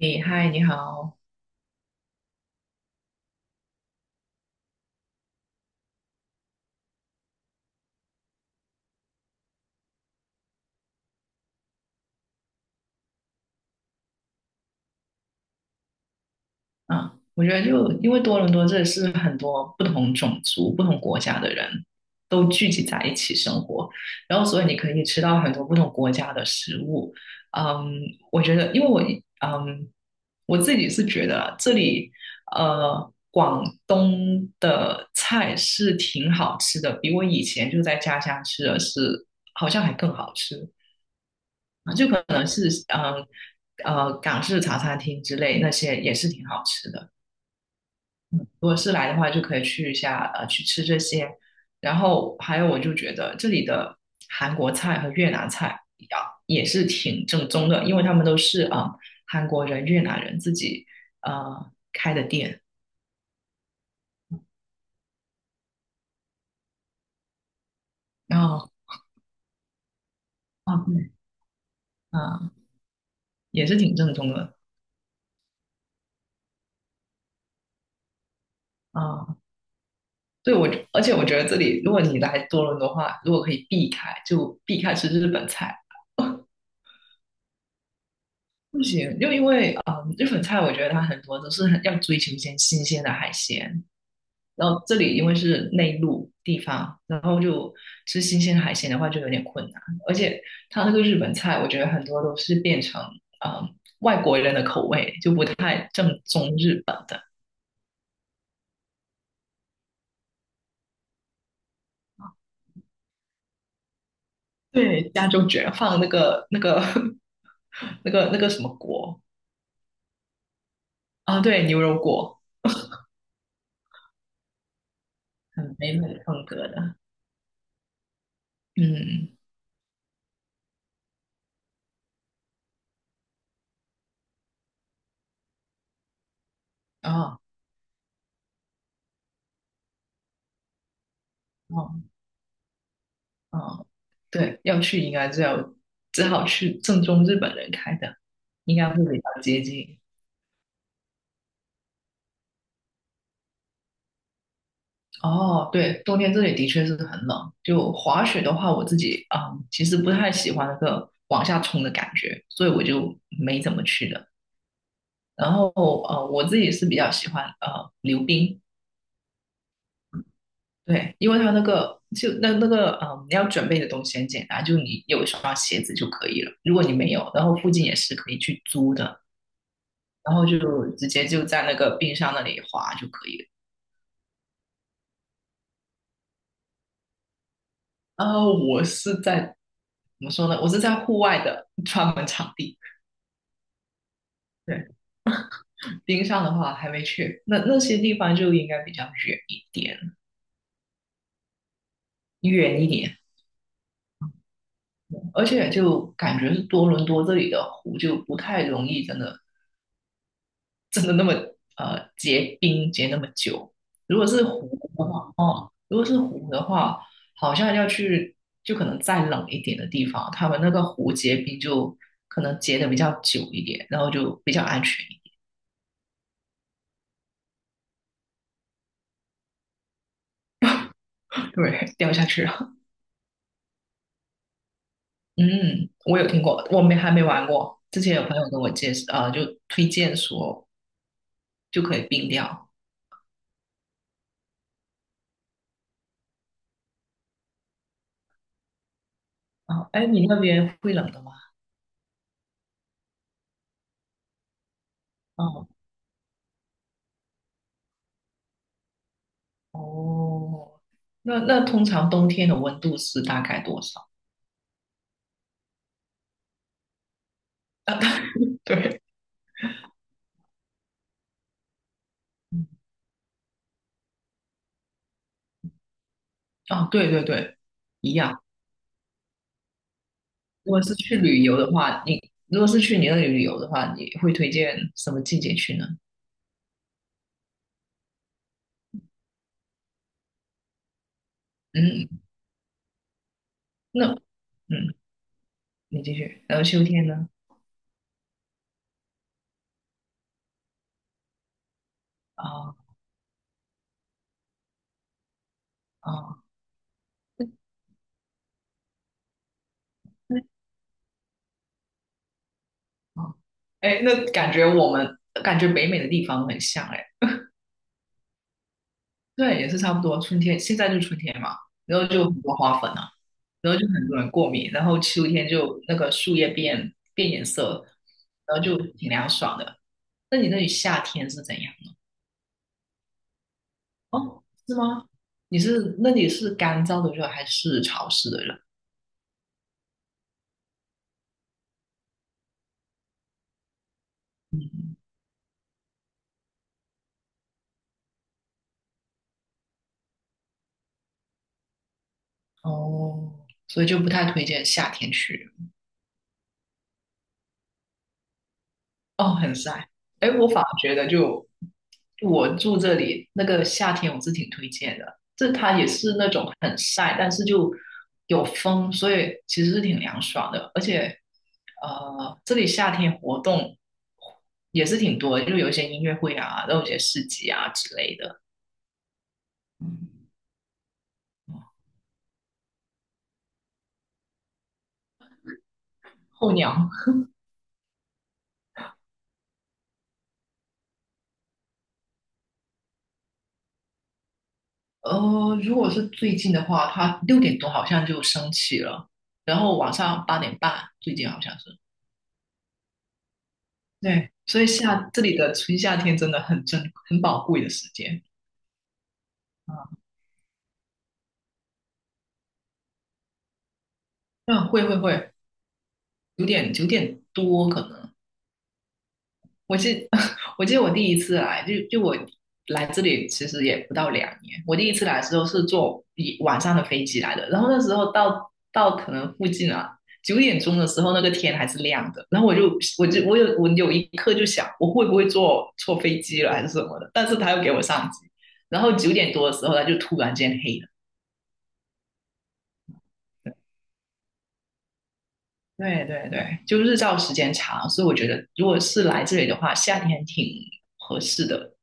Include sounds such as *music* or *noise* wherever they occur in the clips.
你好。嗯，我觉得就因为多伦多这里是很多不同种族、不同国家的人都聚集在一起生活，然后所以你可以吃到很多不同国家的食物。嗯，我觉得，因为嗯我自己是觉得啊这里广东的菜是挺好吃的，比我以前就在家乡吃的是好像还更好吃。啊，就可能是港式茶餐厅之类那些也是挺好吃的。如果是来的话，就可以去一下去吃这些。然后还有，我就觉得这里的韩国菜和越南菜啊也是挺正宗的，因为他们都是韩国人、越南人自己开的店。然后啊对啊、也是挺正宗的啊。对我，而且我觉得这里，如果你来多伦多的话，如果可以避开，就避开吃日本菜。*laughs* 不行，就因为日本菜我觉得它很多都是很要追求一些新鲜的海鲜，然后这里因为是内陆地方，然后就吃新鲜海鲜的话就有点困难，而且它那个日本菜我觉得很多都是变成嗯外国人的口味，就不太正宗日本的。对，加州卷放那个那个 *laughs* 那个那个什么锅啊，对，牛油果，很美美的风格的，嗯，哦哦。嗯，对，要去应该就要只好去正宗日本人开的，应该会比较接近。哦，对，冬天这里的确是很冷。就滑雪的话，我自己啊，其实不太喜欢那个往下冲的感觉，所以我就没怎么去的。然后我自己是比较喜欢溜冰，对，因为它那个就你要准备的东西很简单，就你有一双鞋子就可以了。如果你没有，然后附近也是可以去租的。然后就直接就在那个冰箱那里滑就可以了。然后我是在怎么说呢？我是在户外的专门场地。对，冰上的话还没去，那些地方就应该比较远一点，远一点。嗯而且就感觉是多伦多这里的湖就不太容易，真的真的那么结冰结那么久。如果是湖的话，如果是湖的话，好像要去就可能再冷一点的地方，他们那个湖结冰就可能结的比较久一点，然后就比较安全一点。对，*laughs* 掉下去了。嗯，我有听过，我没还没玩过。之前有朋友跟我介绍，就推荐说就可以冰掉。啊，哎，你那边会冷的吗？哦哦，那通常冬天的温度是大概多少？对，啊，对对对，一样。如果是去旅游的话，如果是去你那里旅游的话，你会推荐什么季节去呢？嗯，那嗯，你继续。然后秋天呢？啊啊啊！哎，那感觉我们感觉北美的地方很像哎，对，也是差不多。春天现在就春天嘛，然后就很多花粉啊，然后就很多人过敏，然后秋天就那个树叶变颜色，然后就挺凉爽的。那你那里夏天是怎样？哦，是吗？那里是干燥的热还是潮湿的热？嗯，哦，所以就不太推荐夏天去。哦，很晒。哎，我反而觉得就我住这里那个夏天，我是挺推荐的。这它也是那种很晒，但是就有风，所以其实是挺凉爽的。而且，这里夏天活动也是挺多的就有一些音乐会啊，然后有一些市集啊之类的。嗯，候鸟。如果是最近的话，它6点多好像就升起了，然后晚上8点半，最近好像是。对，所以这里的春夏天真的很珍很宝贵的时间啊。嗯，会会会，九点多可能。我记 *laughs* 我记得我第一次来，就我来这里其实也不到2年。我第一次来的时候是坐一晚上的飞机来的，然后那时候到可能附近啊9点钟的时候，那个天还是亮的。然后我有一刻就想，我会不会坐错飞机了还是什么的？但是他又给我上机，然后九点多的时候他就突然间黑了。对对对，就日照时间长，所以我觉得如果是来这里的话，夏天挺合适的。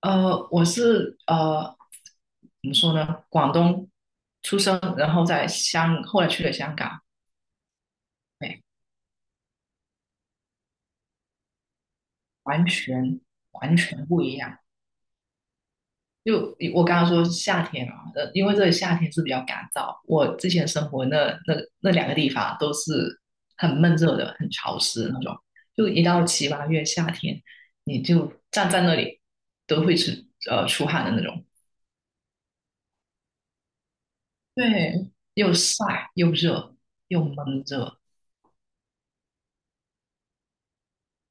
我是怎么说呢？广东出生，然后后来去了香港，对，完全完全不一样。就我刚刚说夏天啊，因为这里夏天是比较干燥，我之前生活那那两个地方都是很闷热的，很潮湿的那种。就一到七八月夏天，你就站在那里都会出汗的那种。对，又晒又热又闷热。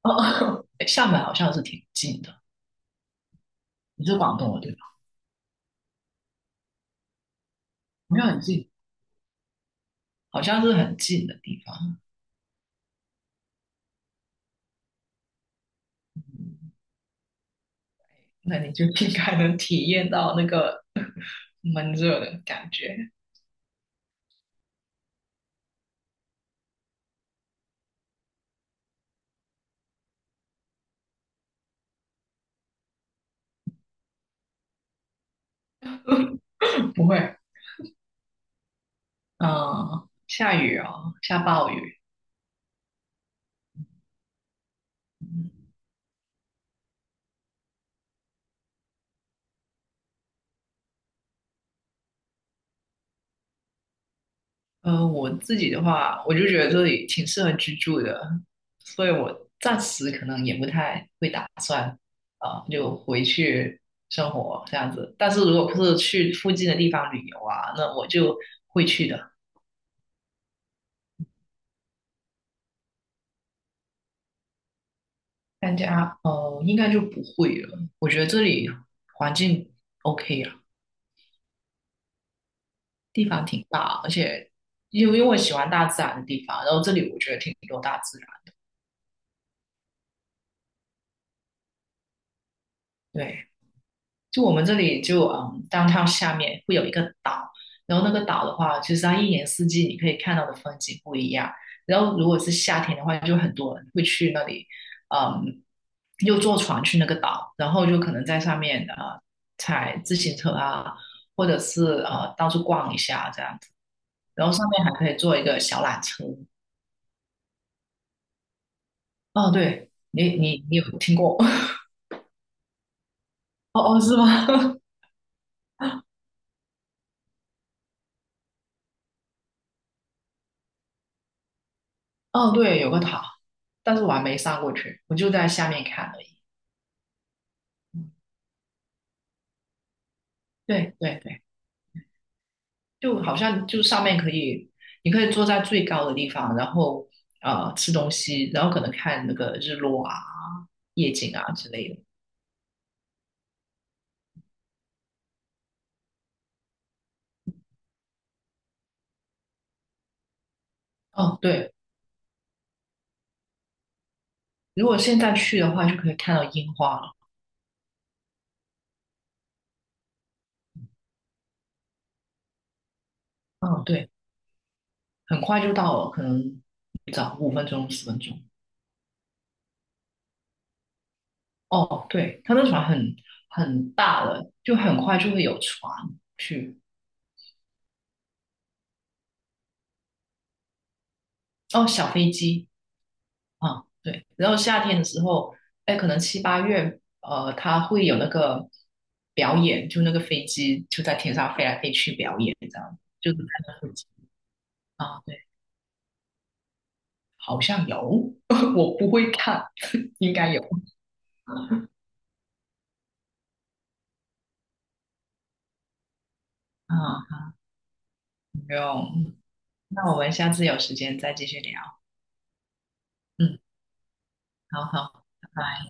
哦，*laughs* 厦门好像是挺近的，你是广东的对吧？没有很近，好像是很近的地方，那你就应该能体验到那个 *laughs* 闷热的感觉。不会。嗯，下雨哦，下暴雨。我自己的话，我就觉得这里挺适合居住的，所以我暂时可能也不太会打算，啊、就回去生活这样子。但是如果不是去附近的地方旅游啊，那我就会去的。搬家，哦，应该就不会了。我觉得这里环境 OK 啊，地方挺大，而且因为我喜欢大自然的地方，然后这里我觉得挺多大自然。对，就我们这里就downtown 下面会有一个岛，然后那个岛的话，其实它一年四季你可以看到的风景不一样。然后如果是夏天的话，就很多人会去那里，嗯，又坐船去那个岛，然后就可能在上面啊踩自行车啊，或者是到处逛一下这样子。然后上面还可以坐一个小缆车。哦，对，你有听过？*laughs* 哦哦，是吗？*laughs* 哦，对，有个塔，但是我还没上过去，我就在下面看而已。对对对，就好像就上面可以，你可以坐在最高的地方，然后吃东西，然后可能看那个日落啊、夜景啊之类的。哦，对，如果现在去的话，就可以看到樱花了。嗯，对，很快就到了，可能早5分钟、10分钟。哦，对，它那船很很大的，就很快就会有船去。哦，小飞机。啊，对，然后夏天的时候，哎，可能七八月，它会有那个表演，就那个飞机就在天上飞来飞去表演，这样，就是在那附机啊，对，好像有，*laughs* 我不会看，*laughs* 应该有啊，没有，嗯那我们下次有时间再继续聊，嗯，好好，拜拜。